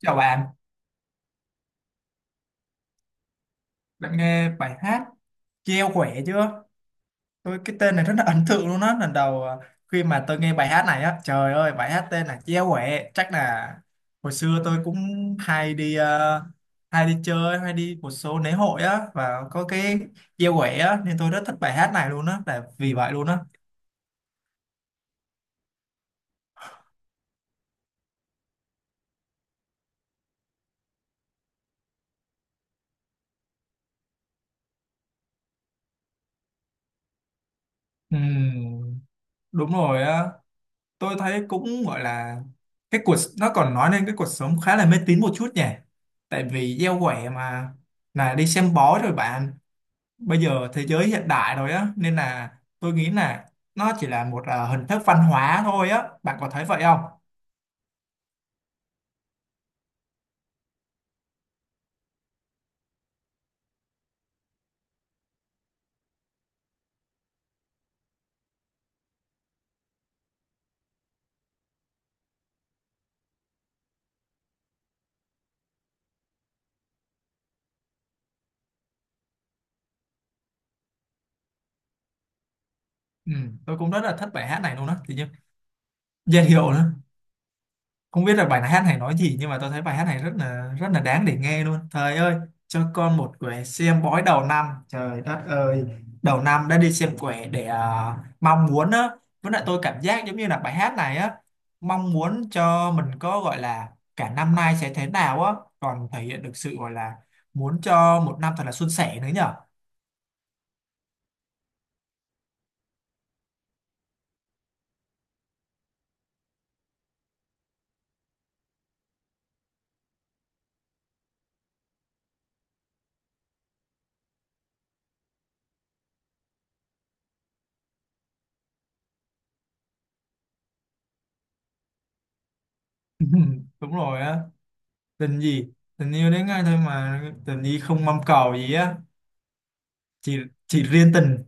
Chào bạn, bạn nghe bài hát Treo khỏe chưa? Tôi cái tên này rất là ấn tượng luôn á. Lần đầu khi mà tôi nghe bài hát này á, trời ơi bài hát tên là Treo khỏe. Chắc là hồi xưa tôi cũng hay đi hay đi chơi, hay đi một số lễ hội á và có cái Treo khỏe á nên tôi rất thích bài hát này luôn á, là vì vậy luôn á. Ừm, Đúng rồi á. Tôi thấy cũng gọi là cái cuộc nó còn nói lên cái cuộc sống khá là mê tín một chút nhỉ, tại vì gieo quẻ mà là đi xem bói rồi bạn. Bây giờ thế giới hiện đại rồi á, nên là tôi nghĩ là nó chỉ là một hình thức văn hóa thôi á, bạn có thấy vậy không? Ừ, tôi cũng rất là thích bài hát này luôn á, thì như dễ hiểu nữa, không biết là bài hát này nói gì nhưng mà tôi thấy bài hát này rất là đáng để nghe luôn. Trời ơi, cho con một quẻ xem bói đầu năm, trời đất ơi, đầu năm đã đi xem quẻ để mong muốn á. Với lại tôi cảm giác giống như là bài hát này á mong muốn cho mình có gọi là cả năm nay sẽ thế nào á, còn thể hiện được sự gọi là muốn cho một năm thật là suôn sẻ nữa nhở. Đúng rồi á, tình gì, tình yêu đến ngay thôi mà, tình gì không mong cầu gì á. Chỉ chỉ riêng tình.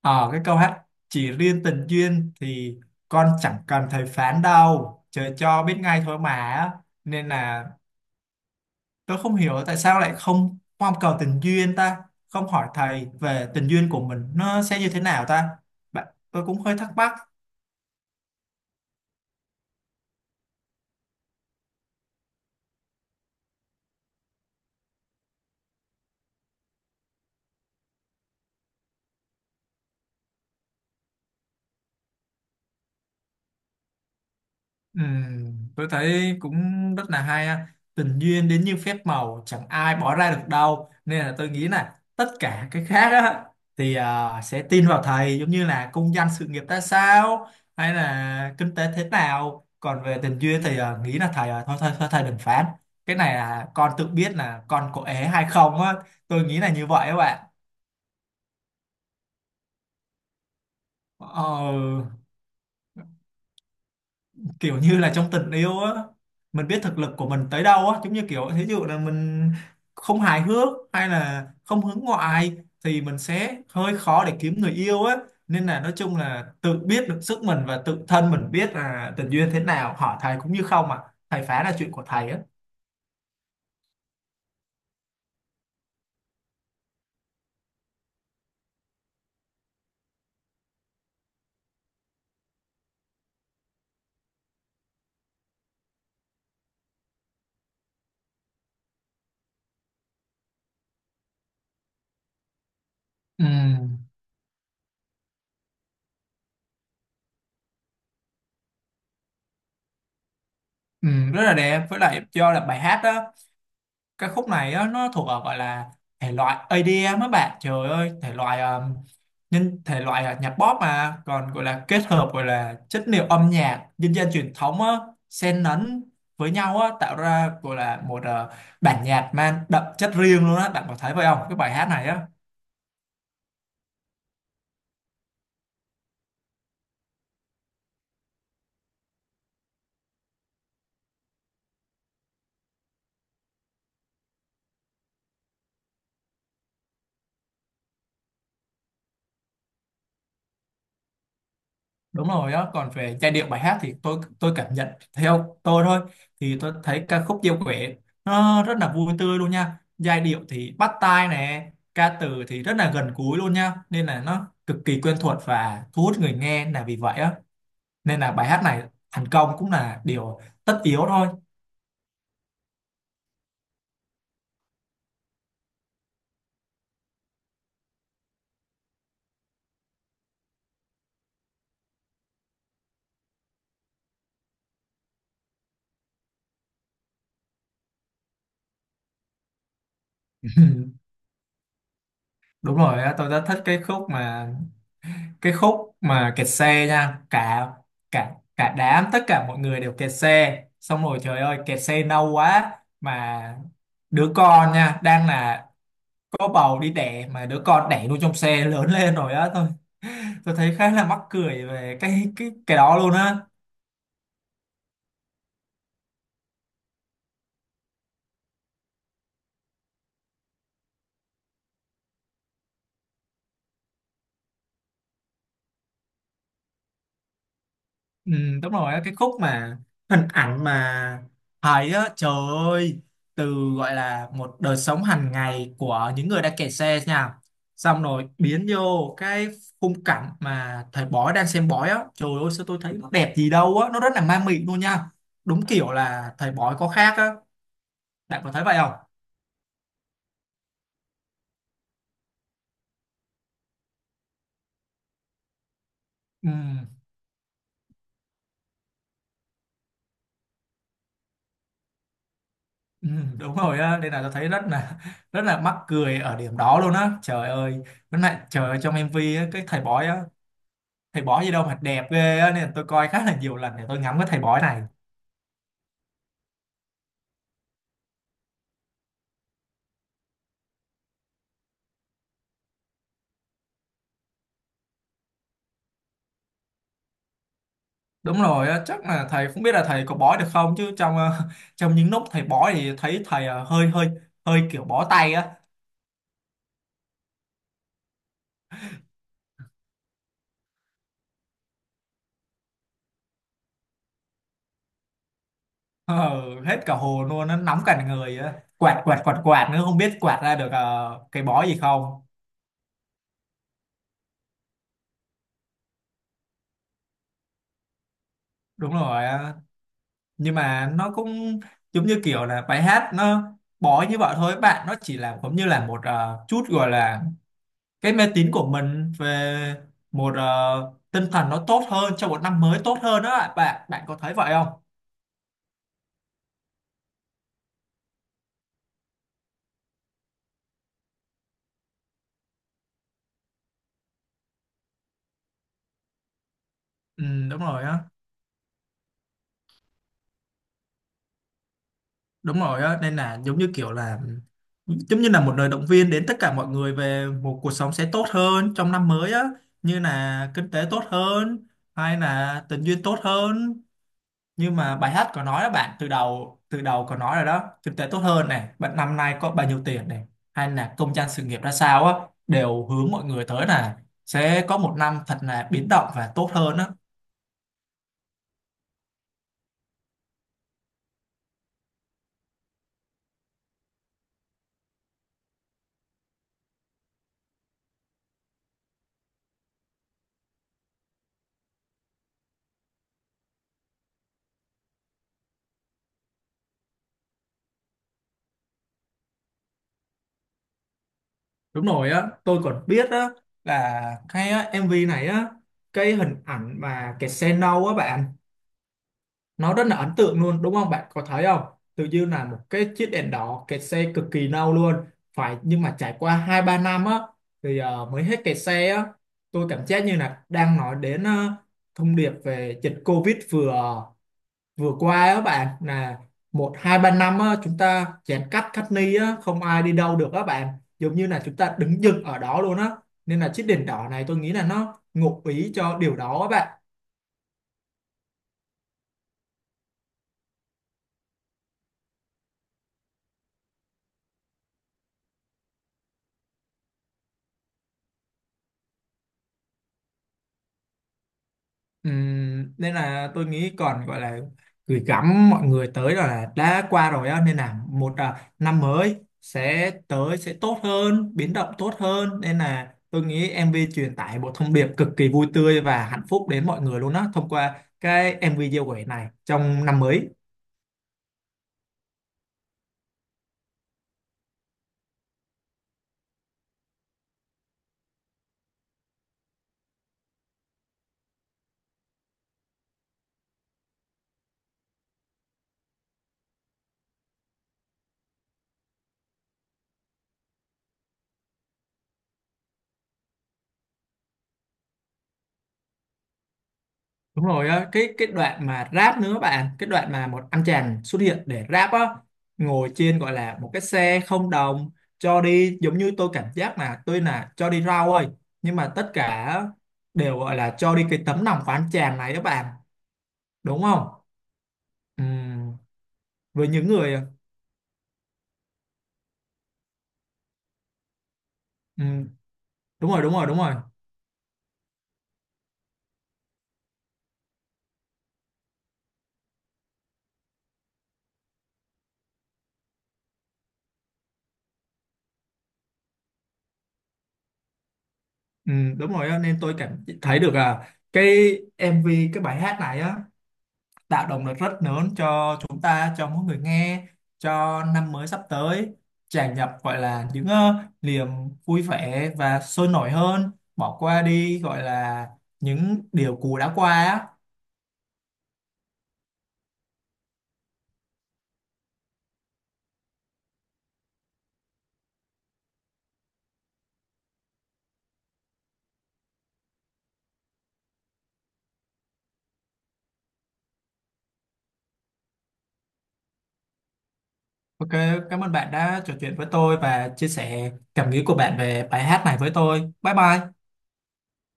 Ờ, cái câu hát chỉ riêng tình duyên thì con chẳng cần thầy phán đâu, trời cho biết ngay thôi mà á. Nên là tôi không hiểu tại sao lại không mong cầu tình duyên ta, không hỏi thầy về tình duyên của mình nó sẽ như thế nào ta. Bạn, tôi cũng hơi thắc mắc. Ừ, tôi thấy cũng rất là hay ha. Tình duyên đến như phép màu chẳng ai bỏ ra được đâu, nên là tôi nghĩ là tất cả cái khác á, sẽ tin vào thầy giống như là công danh sự nghiệp ra sao hay là kinh tế thế nào, còn về tình duyên thì nghĩ là thầy thôi, thôi thầy đừng phán, cái này là con tự biết là con có ế hay không á. Tôi nghĩ là như vậy các bạn. Ờ, kiểu như là trong tình yêu á, mình biết thực lực của mình tới đâu á, giống như kiểu thí dụ là mình không hài hước hay là không hướng ngoại thì mình sẽ hơi khó để kiếm người yêu á. Nên là nói chung là tự biết được sức mình và tự thân mình biết là tình duyên thế nào, hỏi thầy cũng như không à, thầy phá là chuyện của thầy á. ừ, ừ, Rất là đẹp, với lại do là bài hát đó cái khúc này á, nó thuộc ở gọi là thể loại EDM á bạn, trời ơi thể loại nhân thể loại nhạc pop mà còn gọi là kết hợp gọi là chất liệu âm nhạc dân gian truyền thống á, xen lẫn với nhau á, tạo ra gọi là một bản nhạc mang đậm chất riêng luôn á, bạn có thấy vậy không cái bài hát này á? Đúng rồi đó. Còn về giai điệu bài hát thì tôi cảm nhận theo tôi thôi, thì tôi thấy ca khúc Diêu Quẻ nó rất là vui tươi luôn nha, giai điệu thì bắt tai nè, ca từ thì rất là gần gũi luôn nha, nên là nó cực kỳ quen thuộc và thu hút người nghe là vì vậy á. Nên là bài hát này thành công cũng là điều tất yếu thôi. Đúng rồi á, tôi rất thích cái khúc mà kẹt xe nha, cả cả cả đám, tất cả mọi người đều kẹt xe xong rồi, trời ơi kẹt xe lâu quá mà đứa con nha đang là có bầu đi đẻ mà đứa con đẻ luôn trong xe lớn lên rồi á, thôi tôi thấy khá là mắc cười về cái đó luôn á. Ừ, đúng rồi á, cái khúc mà hình ảnh mà thấy á, trời ơi, từ gọi là một đời sống hàng ngày của những người đang kẹt xe nha, xong rồi biến vô cái khung cảnh mà thầy bói đang xem bói á, trời ơi sao tôi thấy nó đẹp gì đâu á, nó rất là ma mị luôn nha, đúng kiểu là thầy bói có khác á, bạn có thấy vậy không? ừ, ừ, Đúng rồi á, nên là tôi thấy rất là mắc cười ở điểm đó luôn á. Trời ơi, với lại trời ơi trong MV á, cái thầy bói á, thầy bói gì đâu mà đẹp ghê á, nên tôi coi khá là nhiều lần để tôi ngắm cái thầy bói này. Đúng rồi á, chắc là thầy không biết là thầy có bói được không chứ trong trong những lúc thầy bói thì thấy thầy hơi hơi hơi kiểu bó tay á. Ờ, hết cả hồn luôn, nó nóng cả người á, quạt quạt quạt quạt nữa không biết quạt ra được cái bói gì không. Đúng rồi á. Nhưng mà nó cũng giống như kiểu là bài hát nó bói như vậy thôi bạn, nó chỉ là giống như là một chút gọi là cái mê tín của mình về một tinh thần nó tốt hơn cho một năm mới tốt hơn đó ạ bạn, bạn có thấy vậy không? Ừ, đúng rồi á đúng rồi á, nên là giống như kiểu là giống như là một lời động viên đến tất cả mọi người về một cuộc sống sẽ tốt hơn trong năm mới á, như là kinh tế tốt hơn hay là tình duyên tốt hơn. Nhưng mà bài hát có nói đó bạn, từ đầu có nói rồi đó, kinh tế tốt hơn này bạn, năm nay có bao nhiêu tiền này, hay là công danh sự nghiệp ra sao á, đều hướng mọi người tới là sẽ có một năm thật là biến động và tốt hơn á. Đúng rồi á, tôi còn biết á là MV này á, cái hình ảnh mà cái xe nâu á bạn, nó rất là ấn tượng luôn đúng không, bạn có thấy không? Tự dưng là một cái chiếc đèn đỏ kẹt xe cực kỳ lâu luôn phải, nhưng mà trải qua hai ba năm á thì mới hết kẹt xe á. Tôi cảm giác như là đang nói đến thông điệp về dịch Covid vừa vừa qua á bạn, là một hai ba năm á chúng ta giãn cách cách ly á, không ai đi đâu được á bạn, giống như là chúng ta đứng dừng ở đó luôn á, nên là chiếc đèn đỏ này tôi nghĩ là nó ngụ ý cho điều đó á bạn. Nên là tôi nghĩ còn gọi là gửi gắm mọi người tới là đã qua rồi á, nên là một năm mới sẽ tới sẽ tốt hơn biến động tốt hơn, nên là tôi nghĩ MV truyền tải một thông điệp cực kỳ vui tươi và hạnh phúc đến mọi người luôn á thông qua cái MV giao quẻ này trong năm mới. Đúng rồi á, cái đoạn mà rap nữa bạn, cái đoạn mà một anh chàng xuất hiện để rap á, ngồi trên gọi là một cái xe không đồng, cho đi giống như tôi cảm giác là tôi là cho đi rau ơi, nhưng mà tất cả đều gọi là cho đi cái tấm lòng của anh chàng này đó bạn, đúng không? Ừm, với những người ừm, đúng rồi đúng rồi đúng rồi. Đúng rồi á, nên tôi cảm thấy được à, cái MV, cái bài hát này á tạo động lực rất lớn cho chúng ta, cho mỗi người nghe, cho năm mới sắp tới tràn ngập gọi là những niềm vui vẻ và sôi nổi hơn, bỏ qua đi gọi là những điều cũ đã qua á. Ok, cảm ơn bạn đã trò chuyện với tôi và chia sẻ cảm nghĩ của bạn về bài hát này với tôi. Bye bye.